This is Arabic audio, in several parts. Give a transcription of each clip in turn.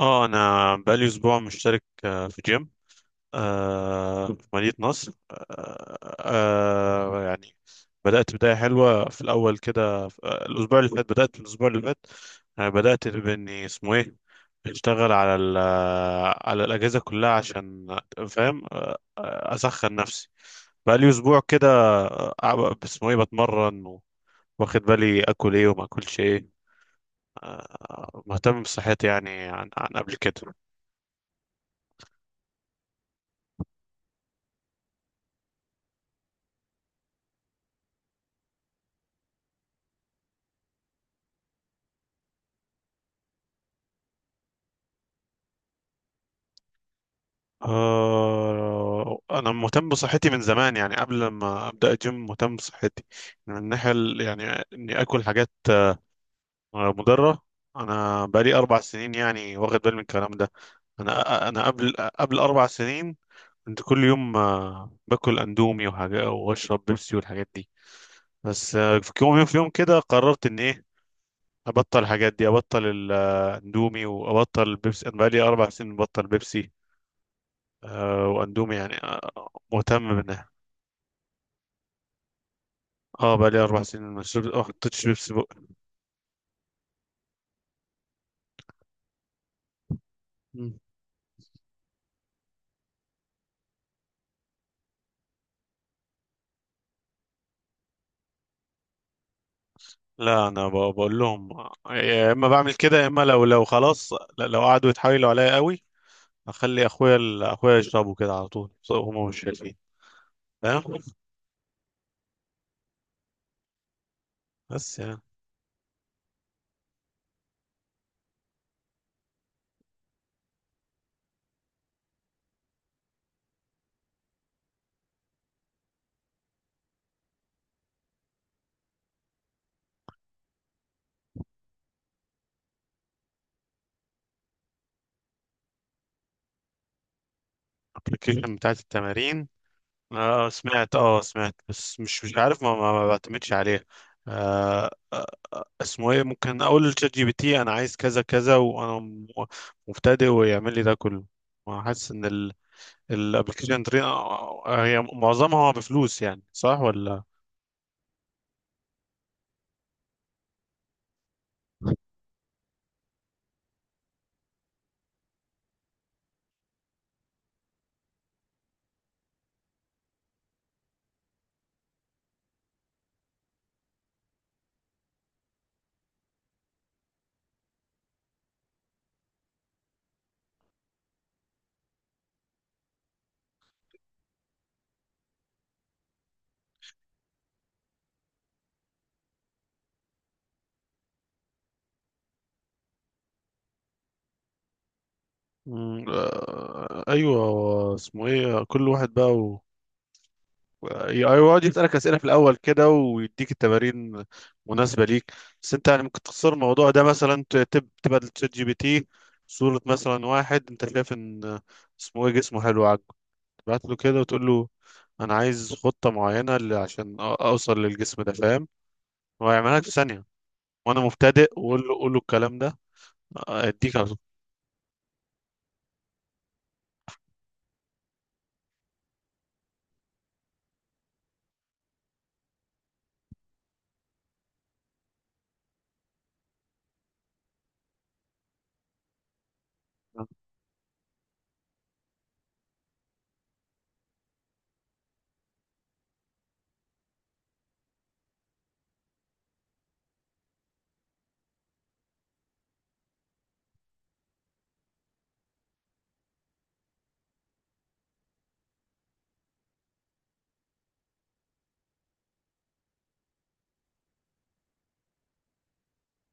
اه، انا بقالي اسبوع مشترك في جيم، في مدينة نصر. يعني بدأت بداية حلوة في الأول كده الأسبوع اللي فات. بدأت الأسبوع اللي فات، بدأت بإني اسمه إيه أشتغل على ال آه، على الأجهزة كلها عشان فاهم، أسخن نفسي. بقالي أسبوع كده، اسمه إيه بتمرن واخد بالي آكل إيه وما آكلش إيه. مهتم بصحتي يعني عن قبل كده. آه، أنا مهتم بصحتي من زمان، يعني قبل ما أبدأ الجيم مهتم بصحتي من يعني إني آكل حاجات مضرة. أنا بقالي أربع سنين يعني واخد بالي من الكلام ده. أنا قبل أربع سنين كنت كل يوم باكل أندومي وحاجة وأشرب بيبسي والحاجات دي. بس في يوم، كده قررت إن إيه أبطل الحاجات دي، أبطل الأندومي وأبطل البيبسي. أنا بقالي أربع سنين ببطل بيبسي، آه واندومي، يعني آه مهتم بيها. اه، بقى لي اربع سنين ما حطيتش بيبسي بق. مم. لا، انا بقول لهم يا اما بعمل كده يا اما، لو خلاص، لو قعدوا يتحايلوا عليا قوي اخلي اخويا يشربوا كده على طول، بس هم مش شايفين، فاهم. بس يعني، الابلكيشن بتاعت التمارين، اه سمعت، بس مش عارف، ما بعتمدش عليها. آه آه، اسمه ايه، ممكن اقول للشات جي بي تي انا عايز كذا كذا، وانا مبتدئ ويعمل لي ده كله. حاسس ان الابلكيشن هي معظمها بفلوس، يعني صح ولا. مم، ايوه، اسمه ايه كل واحد بقى و... ايوه، يقعد يسألك أسئلة في الأول كده ويديك التمارين مناسبة ليك. بس أنت يعني ممكن تختصر الموضوع ده مثلا، تبقى للشات جي بي تي صورة، مثلا واحد أنت شايف إن اسمه إيه جسمه حلو، بعت له كده وتقول له انا عايز خطة معينة عشان اوصل للجسم ده، فاهم. هو هيعملها لك في ثانية، وانا مبتدئ، وقول له قول له الكلام ده. اديك على طول.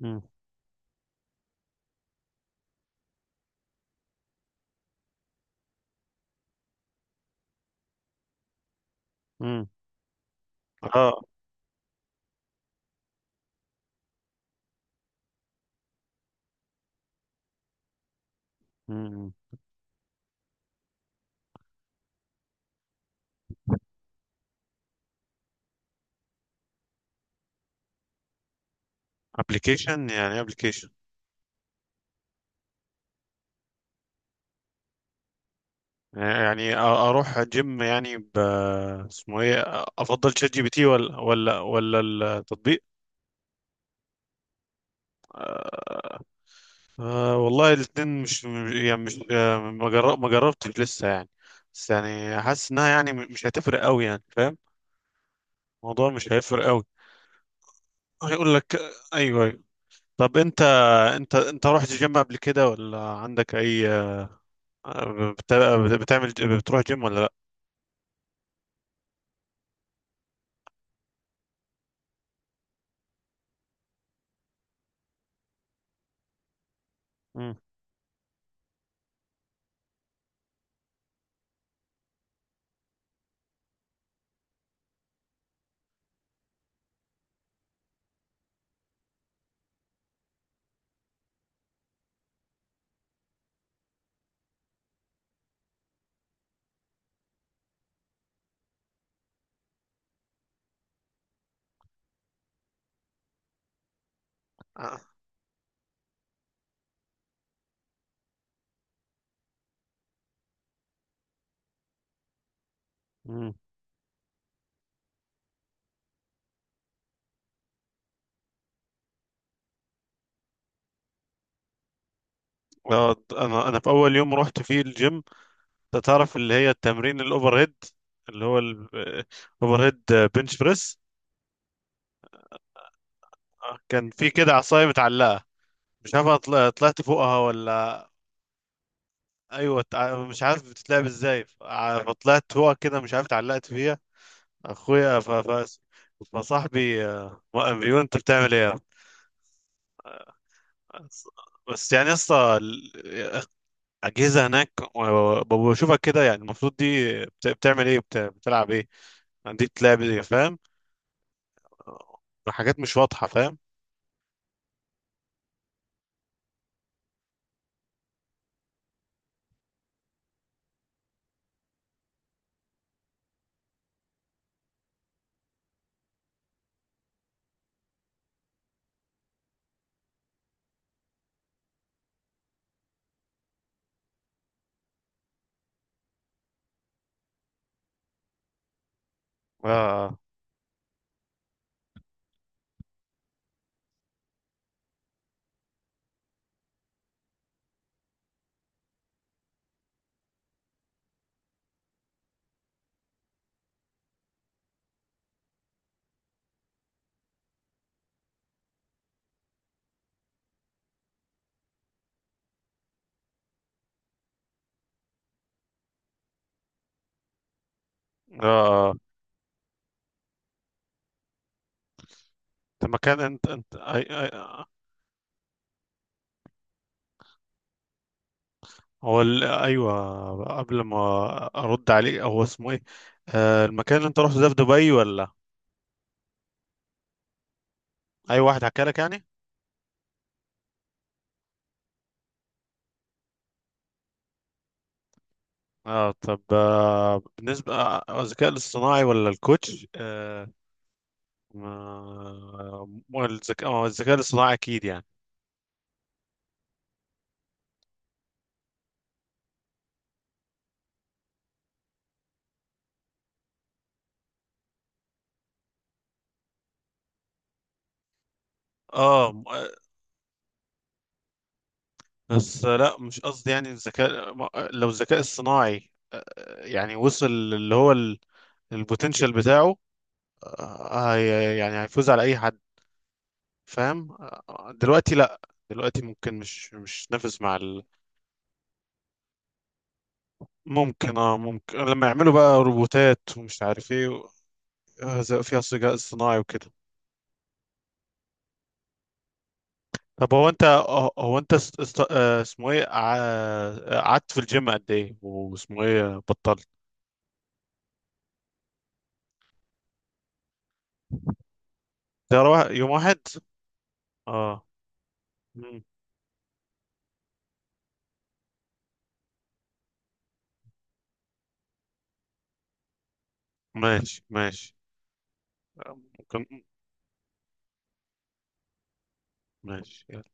مم. مم. اه. مم. ابلكيشن، يعني ابلكيشن. يعني اروح جيم يعني ب، اسمه ايه، افضل شات جي بي تي ولا. التطبيق. آه. والله الاثنين مش، يعني مش، ما جربتش لسه، يعني. بس يعني حاسس انها يعني مش هتفرق قوي، يعني فاهم، الموضوع مش هيفرق قوي، هيقول لك. ايوه ايوه. طب انت، انت رحت جيم قبل كده ولا عندك اي بت- بتعمل، بتروح جيم ولا لا؟ مم. مم. انا في اول يوم رحت فيه الجيم، أنت تعرف اللي هي التمرين الاوفر هيد، اللي هو الاوفر هيد، بنش بريس. كان في كده عصايه متعلقه، مش عارف طلعت فوقها ولا، ايوه مش عارف بتتلعب ازاي، فطلعت فوقها كده، مش عارف اتعلقت فيها. اخويا فصاحبي وقف بيقول انت بتعمل ايه. بس يعني لسه، اجهزه هناك و- بشوفك كده، يعني المفروض دي بتعمل ايه، بتلعب ايه، يعني دي بتلعب ايه، فاهم، حاجات مش واضحه، فاهم. اه اه. آه. انت مكان، انت انت أي... أي... هو ال... ايوه، قبل ما ارد عليك، هو اسمه ايه المكان اللي انت رحت ده في دبي ولا اي واحد حكى لك، يعني؟ اه، طب، بالنسبة، الذكاء الاصطناعي ولا الكوتش، ما الذكاء، ما هو الذكاء الاصطناعي اكيد، يعني. اه م- آه، بس لا، مش قصدي، يعني الذكاء لو الذكاء الصناعي يعني وصل اللي هو البوتنشال بتاعه، يعني هيفوز على اي حد، فاهم، دلوقتي لا. دلوقتي ممكن مش نافس مع ممكن لما يعملوا بقى روبوتات ومش عارف ايه فيها الذكاء الصناعي وكده. طب هو انت، هو انت است... است... آه، اسمه ايه، قعدت في الجيم قد ايه، واسمه ايه بطلت. ترى يوم واحد. اه. مم. ماشي ماشي. ممكن. ماشي.